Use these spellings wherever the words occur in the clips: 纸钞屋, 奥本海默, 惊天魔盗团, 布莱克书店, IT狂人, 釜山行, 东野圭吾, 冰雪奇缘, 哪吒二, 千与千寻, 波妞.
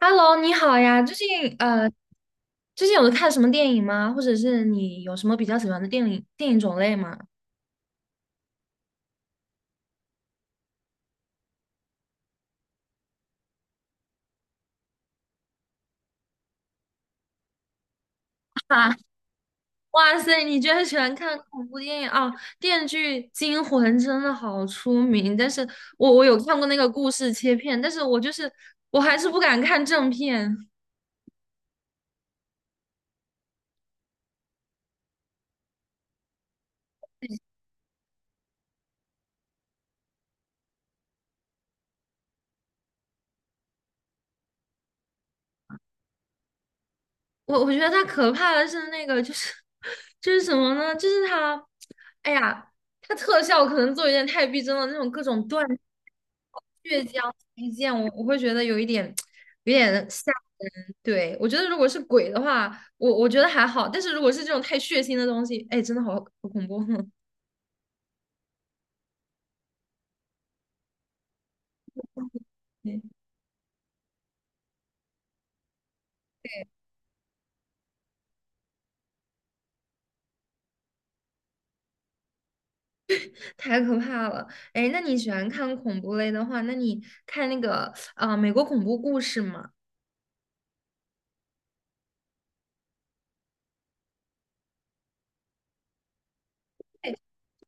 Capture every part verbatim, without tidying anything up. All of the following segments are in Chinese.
Hello，你好呀！最近呃，最近有看什么电影吗？或者是你有什么比较喜欢的电影电影种类吗？啊，哇塞，你居然喜欢看恐怖电影啊！电锯惊魂》真的好出名，但是我我有看过那个故事切片，但是我就是我还是不敢看正片。我我觉得它可怕的是那个就是 就是什么呢？就是它，哎呀，它特效可能做有点太逼真了，那种各种断。倔强推见我我会觉得有一点有点吓人。对，我觉得如果是鬼的话，我我觉得还好，但是如果是这种太血腥的东西，哎，真的好好恐怖，对，太可怕了。哎，那你喜欢看恐怖类的话，那你看那个啊、呃美国恐怖故事》吗？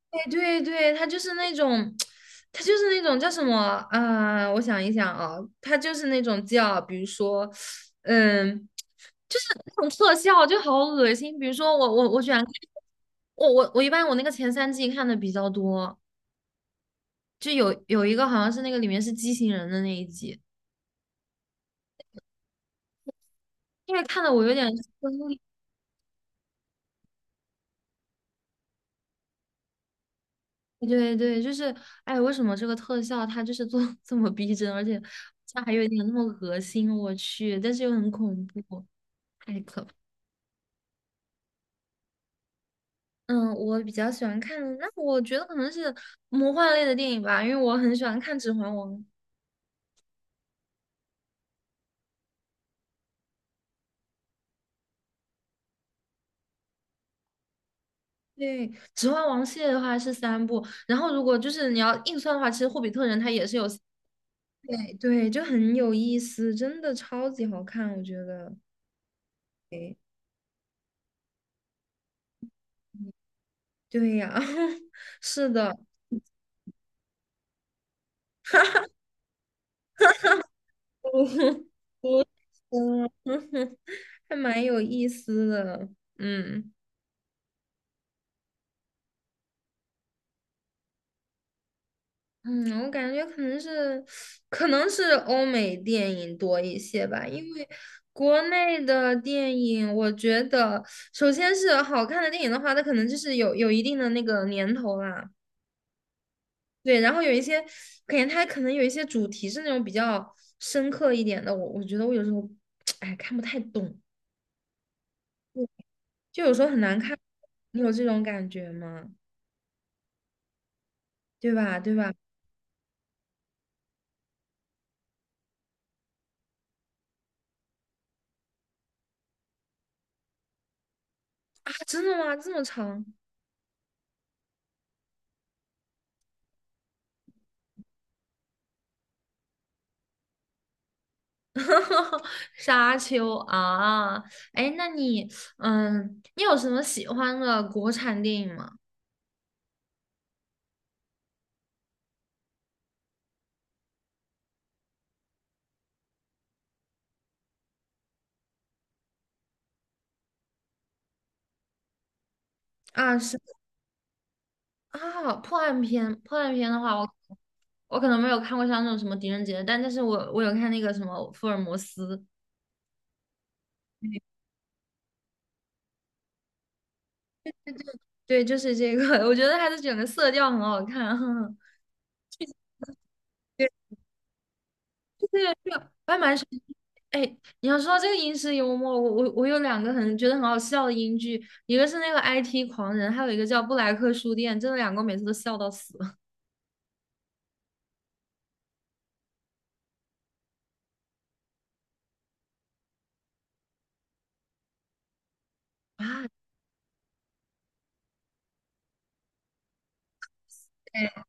哎对对，他就是那种，他就是那种叫什么啊、我想一想啊，他就是那种叫，比如说，嗯，就是那种特效就好恶心。比如说我我我喜欢看我我我一般我那个前三季看的比较多，就有有一个好像是那个里面是畸形人的那一集，因为看的我有点生理对对，就是哎，为什么这个特效它就是做得这么逼真，而且它还有一点那么恶心，我去，但是又很恐怖，太可怕。嗯，我比较喜欢看，那我觉得可能是魔幻类的电影吧，因为我很喜欢看《指环王》。对，《指环王》系列的话是三部，然后如果就是你要硬算的话，其实《霍比特人》它也是有三，哎对，就很有意思，真的超级好看，我觉得。对呀，是的，嗯，还蛮有意思的，嗯。嗯，我感觉可能是，可能是欧美电影多一些吧，因为国内的电影，我觉得首先是好看的电影的话，它可能就是有有一定的那个年头啦，对，然后有一些，感觉它可能有一些主题是那种比较深刻一点的，我我觉得我有时候，哎，看不太懂，就有时候很难看，你有这种感觉吗？对吧？对吧？啊，真的吗？这么长？哈哈，沙丘啊，哎，那你，嗯，你有什么喜欢的国产电影吗？啊，是啊，破案片，破案片的话，我我可能没有看过像那种什么《狄仁杰》，但但是我我有看那个什么《福尔摩斯》，对，就是这个，我觉得它的整个色调很好看。这个这个我还蛮喜欢。哎，你要说到这个英式幽默，我我我有两个很觉得很好笑的英剧，一个是那个 I T 狂人，还有一个叫布莱克书店，真的两个我每次都笑到死 啊！哎，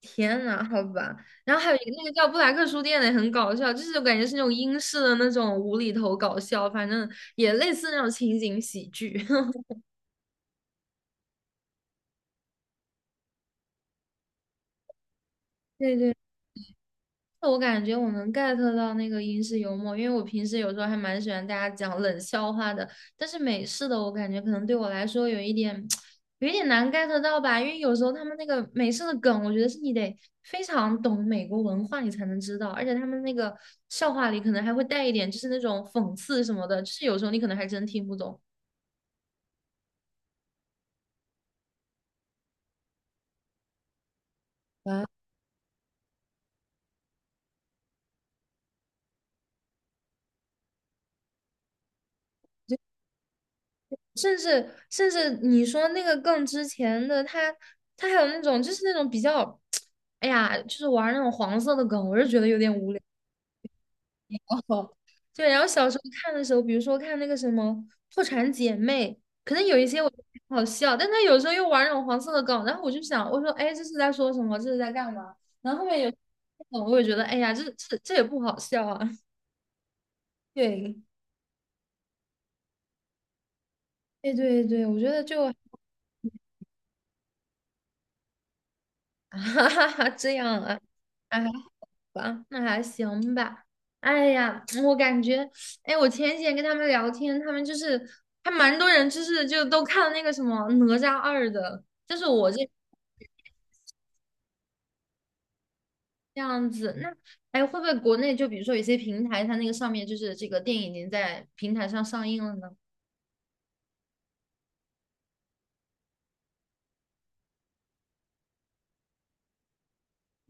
天呐，好吧。然后还有一个那个叫布莱克书店的也很搞笑，就是我感觉是那种英式的那种无厘头搞笑，反正也类似那种情景喜剧。对对我感觉我能 get 到那个英式幽默，因为我平时有时候还蛮喜欢大家讲冷笑话的，但是美式的我感觉可能对我来说有一点 有一点难 get 到吧，因为有时候他们那个美式的梗，我觉得是你得非常懂美国文化你才能知道，而且他们那个笑话里可能还会带一点就是那种讽刺什么的，就是有时候你可能还真听不懂。甚至甚至你说那个更之前的他，他还有那种就是那种比较，哎呀，就是玩那种黄色的梗，我是觉得有点无聊。对，然后小时候看的时候，比如说看那个什么《破产姐妹》，可能有一些我觉得挺好笑，但他有时候又玩那种黄色的梗，然后我就想，我说，哎，这是在说什么？这是在干嘛？然后后面有梗，我也觉得，哎呀，这这这也不好笑啊。对，对对对，我觉得就 哈哈哈这样啊。啊。吧，那还行吧。哎呀，我感觉，哎，我前几天跟他们聊天，他们就是还蛮多人，就是就都看了那个什么《哪吒二》的，就是我这这样子。那哎，会不会国内就比如说有些平台，它那个上面就是这个电影已经在平台上上映了呢？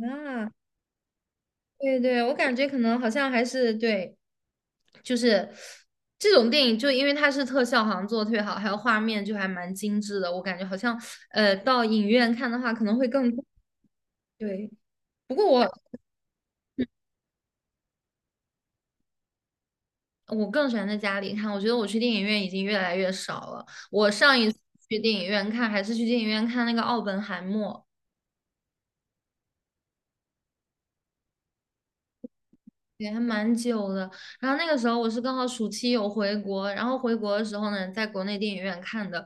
啊，对对，我感觉可能好像还是对，就是这种电影，就因为它是特效，好像做的特别好，还有画面就还蛮精致的。我感觉好像，呃，到影院看的话可能会更对。不过我我更喜欢在家里看，我觉得我去电影院已经越来越少了。我上一次去电影院看还是去电影院看那个《奥本海默》，也还蛮久的。然后那个时候我是刚好暑期有回国，然后回国的时候呢，在国内电影院看的。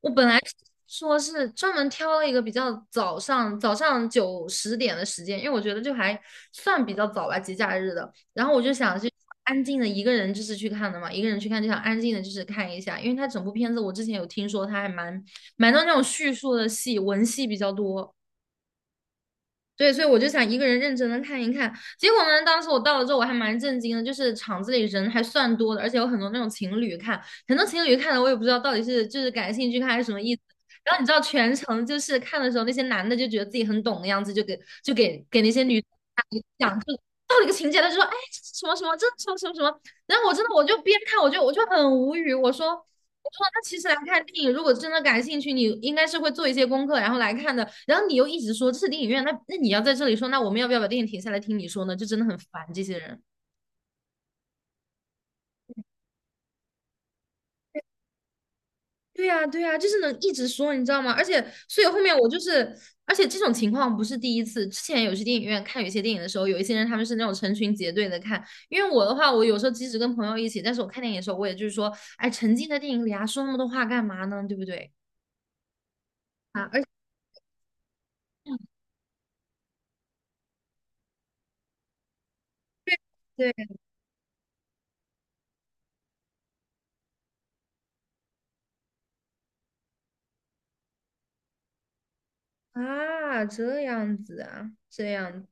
我本来说是专门挑了一个比较早上早上九十点的时间，因为我觉得就还算比较早吧，节假日的。然后我就想去安静的一个人就是去看的嘛，一个人去看就想安静的就是看一下，因为它整部片子我之前有听说它还蛮蛮多那种叙述的戏，文戏比较多。对，所以我就想一个人认真的看一看。结果呢，当时我到了之后，我还蛮震惊的，就是场子里人还算多的，而且有很多那种情侣看，很多情侣看的我也不知道到底是就是感兴趣看还是什么意思。然后你知道全程就是看的时候，那些男的就觉得自己很懂的样子，就给就给给那些女生讲，就到了一个情节，他就说哎这是什么什么，这是什么什么什么。然后我真的我就边看我就我就很无语，我说。我那其实来看电影，如果真的感兴趣，你应该是会做一些功课，然后来看的。然后你又一直说这是电影院，那那你要在这里说，那我们要不要把电影停下来听你说呢？就真的很烦这些人。对呀，对呀，就是能一直说，你知道吗？而且，所以后面我就是，而且这种情况不是第一次。之前有去电影院看有一些电影的时候，有一些人他们是那种成群结队的看。因为我的话，我有时候即使跟朋友一起，但是我看电影的时候，我也就是说，哎，沉浸在电影里啊，说那么多话干嘛呢？对不对？啊，而且对啊，这样子啊，这样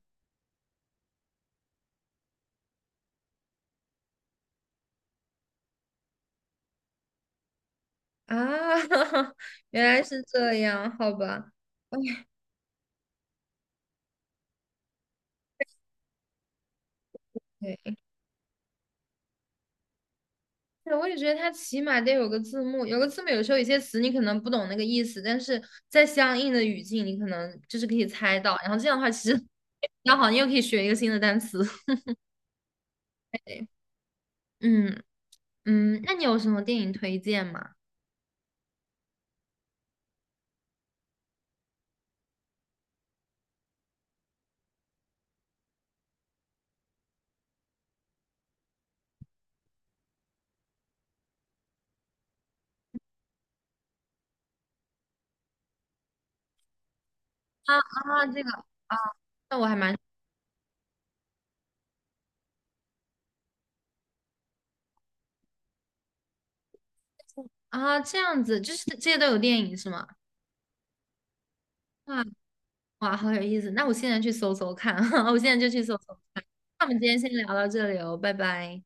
啊，原来是这样，好吧。哎对，对，我也觉得它起码得有个字幕，有个字幕，有时候有些词你可能不懂那个意思，但是在相应的语境，你可能就是可以猜到。然后这样的话，其实比较好，你又可以学一个新的单词。对，嗯嗯，那你有什么电影推荐吗？啊啊，这个，啊，那我还蛮啊，这样子，就是这些都有电影是吗？啊。哇，好有意思！那我现在去搜搜看，我现在就去搜搜看。那我们今天先聊到这里哦，拜拜。